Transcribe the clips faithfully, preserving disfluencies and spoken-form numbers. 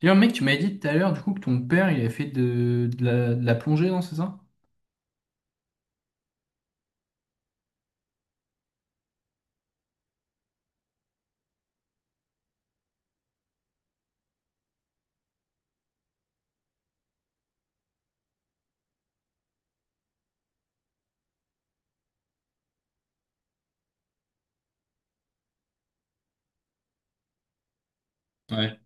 D'ailleurs, mec, tu m'avais dit tout à l'heure, du coup, que ton père, il avait fait de, de la, de la plongée, non, c'est ça? Ouais.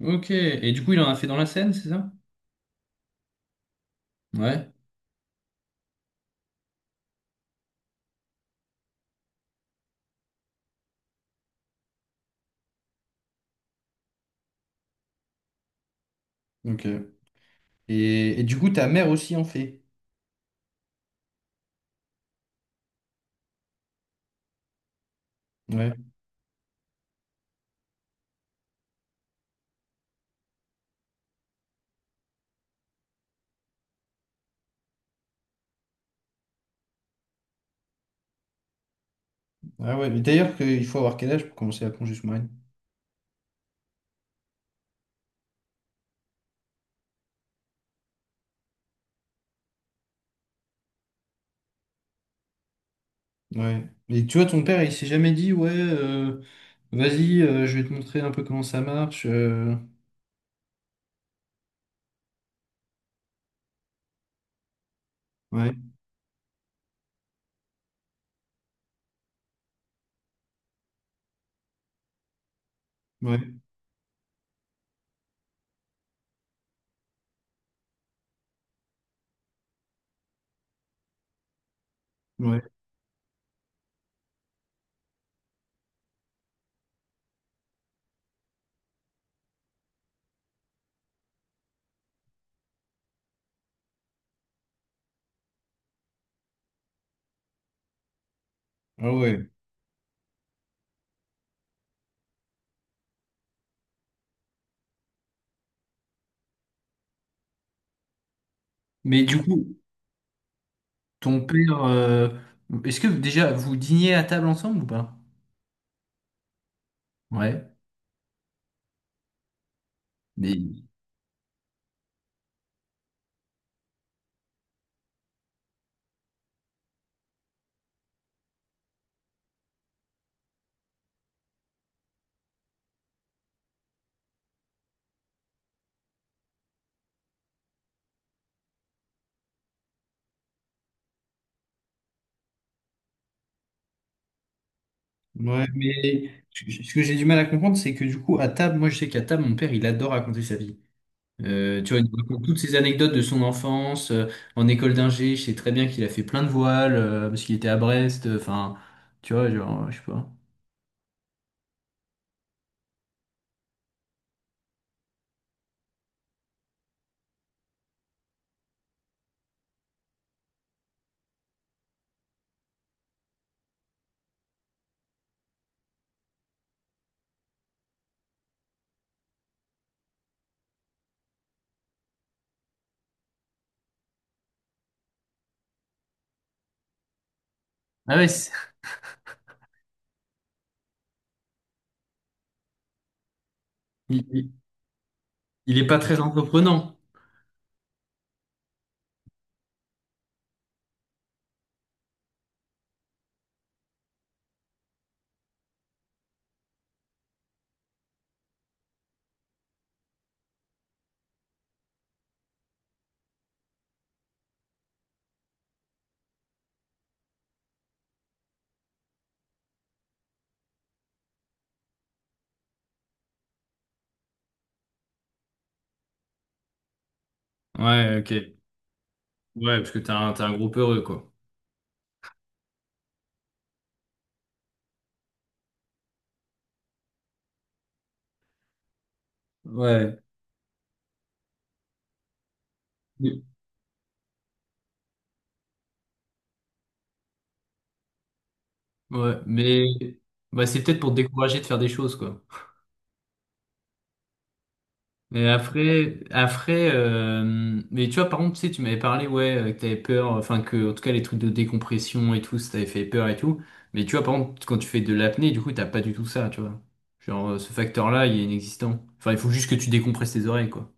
Ok. Et du coup, il en a fait dans la Seine, c'est ça? Ouais, ok. Et, et du coup, ta mère aussi en fait. Ouais. Ah ouais, mais d'ailleurs, que- il faut avoir quel âge pour commencer la plongée sous-marine? Ouais. Mais tu vois, ton père, il s'est jamais dit, ouais, euh, vas-y, euh, je vais te montrer un peu comment ça marche. euh. Ouais, ouais, ouais. Ah ouais. Mais du coup, ton père, euh, est-ce que déjà, vous dîniez à table ensemble ou pas? Ouais. Mais Ouais, mais je- je- ce que j'ai du mal à comprendre, c'est que du coup, à table, moi je sais qu'à table, mon père, il adore raconter sa vie. Euh, tu vois, il nous raconte toutes ses anecdotes de son enfance, euh, en école d'ingé, je sais très bien qu'il a fait plein de voiles, euh, parce qu'il était à Brest, euh, enfin, tu vois, genre, euh, je sais pas. Ah ouais, c'est- il, il- il est pas très entreprenant. Ouais, ok. Ouais, parce que t'es un, t'es un groupe heureux, quoi. Ouais. Mais... Ouais, mais bah, c'est peut-être pour te décourager de faire des choses, quoi. Mais après, après, euh, mais tu vois, par contre, tu sais, tu m'avais parlé, ouais, euh, que t'avais peur, enfin que, en tout cas, les trucs de décompression et tout, ça t'avait fait peur et tout. Mais tu vois, par contre, quand tu fais de l'apnée, du coup, t'as pas du tout ça, tu vois. Genre, euh, ce facteur-là, il est inexistant. Enfin, il faut juste que tu décompresses tes oreilles, quoi.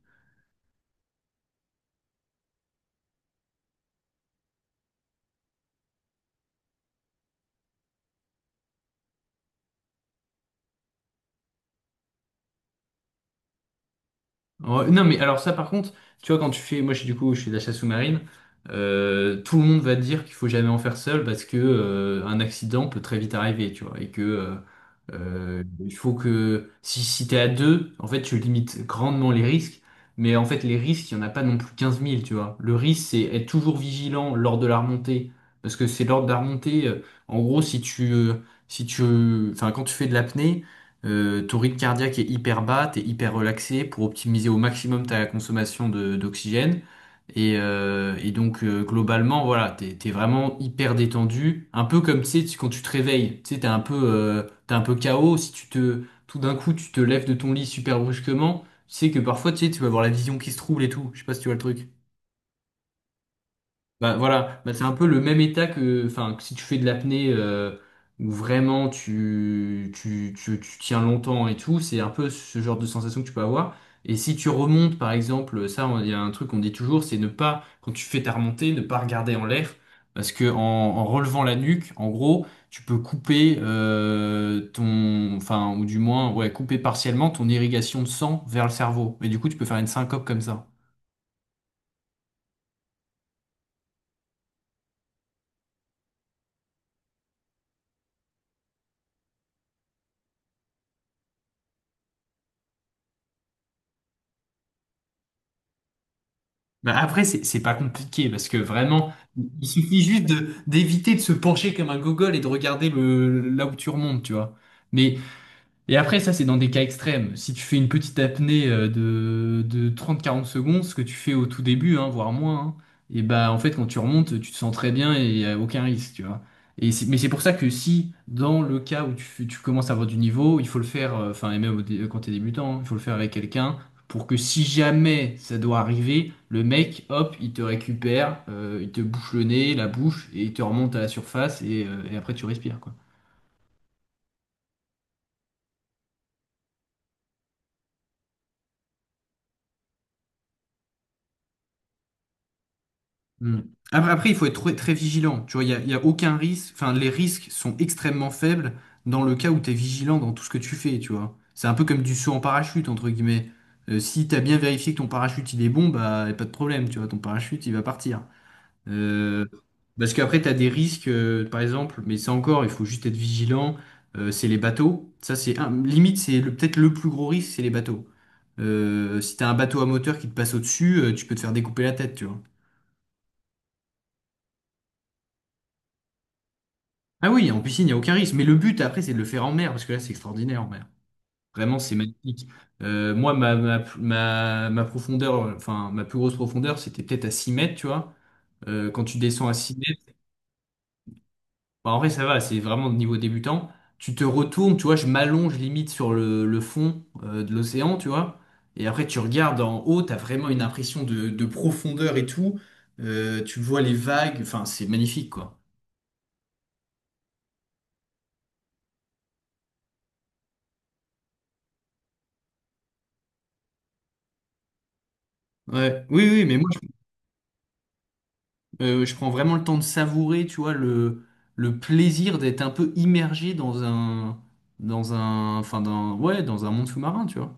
Ouais, non, mais alors ça, par contre, tu vois, quand tu fais, moi, je suis du coup, je suis de la chasse sous-marine, euh, tout le monde va te dire qu'il faut jamais en faire seul parce que euh, un accident peut très vite arriver, tu vois, et que euh, euh, il faut que si, si t'es à deux, en fait, tu limites grandement les risques, mais en fait, les risques, il y en a pas non plus quinze mille tu vois. Le risque, c'est être toujours vigilant lors de la remontée, parce que c'est lors de la remontée, euh, en gros, si tu, euh, si tu, enfin, quand tu fais de l'apnée. Euh, ton rythme cardiaque est hyper bas, t'es hyper relaxé pour optimiser au maximum ta consommation de- d'oxygène. Et, euh, et donc euh, globalement, voilà, t'es, t'es vraiment hyper détendu, un peu comme tu sais tu- quand tu te réveilles, tu sais, t'es un peu, euh, t'es un peu K O. Si tu te, tout d'un coup, tu te lèves de ton lit super brusquement, tu sais que parfois, tu sais, tu vas avoir la vision qui se trouble et tout. Je sais pas si tu vois le truc. Bah voilà, bah, c'est un peu le même état que, enfin, que si tu fais de l'apnée euh, où vraiment tu, tu, tu, tu tiens longtemps et tout, c'est un peu ce genre de sensation que tu peux avoir. Et si tu remontes, par exemple, ça, on- il y a un truc qu'on dit toujours, c'est ne pas, quand tu fais ta remontée, ne pas regarder en l'air, parce que en, en relevant la nuque, en gros, tu peux couper euh, ton, enfin, ou du moins, ouais, couper partiellement ton irrigation de sang vers le cerveau. Et du coup, tu peux faire une syncope comme ça. Bah après, c'est c'est pas compliqué parce que vraiment, il suffit juste de d'éviter de se pencher comme un gogol et de regarder le, là où tu remontes, tu vois. Mais et après, ça, c'est dans des cas extrêmes. Si tu fais une petite apnée euh, de, de trente quarante secondes, ce que tu fais au tout début, hein, voire moins, hein, et bah, en fait, quand tu remontes, tu te sens très bien et y a aucun risque, tu vois. Et c'est- mais c'est pour ça que si, dans le cas où tu, fais- tu commences à avoir du niveau, il faut le faire, euh, enfin, et même au dé- euh, quand t'es débutant, hein, il faut le faire avec quelqu'un pour que si jamais ça doit arriver, le mec, hop, il te récupère, euh, il te bouche le nez, la bouche, et il te remonte à la surface et, euh, et après tu respires, quoi. Mm. Ap- Après, il faut être très, très vigilant. Tu vois, il n'y a, il y a aucun risque. Enfin, les risques sont extrêmement faibles dans le cas où tu es vigilant dans tout ce que tu fais, tu vois. C'est un peu comme du saut en parachute, entre guillemets. Euh, si tu as bien vérifié que ton parachute il est bon, bah y a pas de problème, tu vois, ton parachute il va partir. Euh, parce qu'après, tu as des risques, euh, par exemple, mais ça encore, il faut juste être vigilant. Euh, c'est les bateaux. Ça, c'est un, limite, c'est le- peut-être le plus gros risque, c'est les bateaux. Euh, si tu as un bateau à moteur qui te passe au-dessus, euh, tu peux te faire découper la tête, tu vois. Ah oui, en piscine, il n'y a aucun risque. Mais le but, après, c'est de le faire en mer, parce que là, c'est extraordinaire en mer. Vraiment, c'est magnifique. Euh, moi, ma, ma, ma, ma profondeur, euh, enfin, ma plus grosse profondeur, c'était peut-être à six mètres, tu vois. Euh, quand tu descends à six mètres, bah, en vrai, ça va, c'est vraiment de niveau débutant. Tu te retournes, tu vois, je m'allonge limite sur le, le fond euh, de l'océan, tu vois. Et après, tu regardes en haut, t'as vraiment une impression de, de profondeur et tout. Euh, tu vois les vagues, enfin, c'est magnifique, quoi. Ouais, oui, oui, mais moi, euh, je prends vraiment le temps de savourer, tu vois, le, le plaisir d'être un peu immergé dans un, dans un, enfin, dans, ouais, dans un monde sous-marin, tu vois.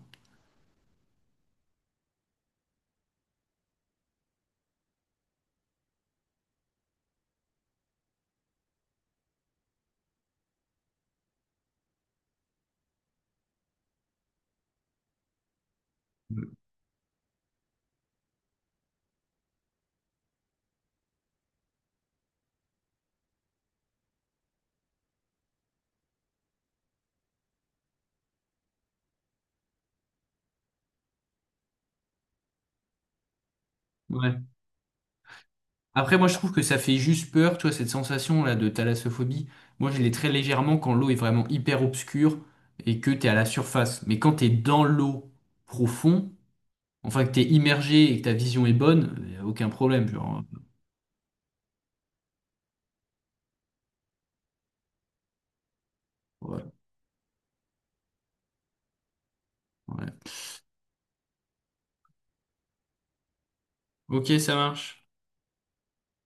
Ouais. Après, moi, je trouve que ça fait juste peur, tu vois, cette sensation-là de thalassophobie. Moi, je l'ai très légèrement quand l'eau est vraiment hyper obscure et que t'es à la surface. Mais quand t'es dans l'eau profond, enfin, que t'es immergé et que ta vision est bonne, y a aucun problème, genre. Ouais. Ouais. Ok, ça marche.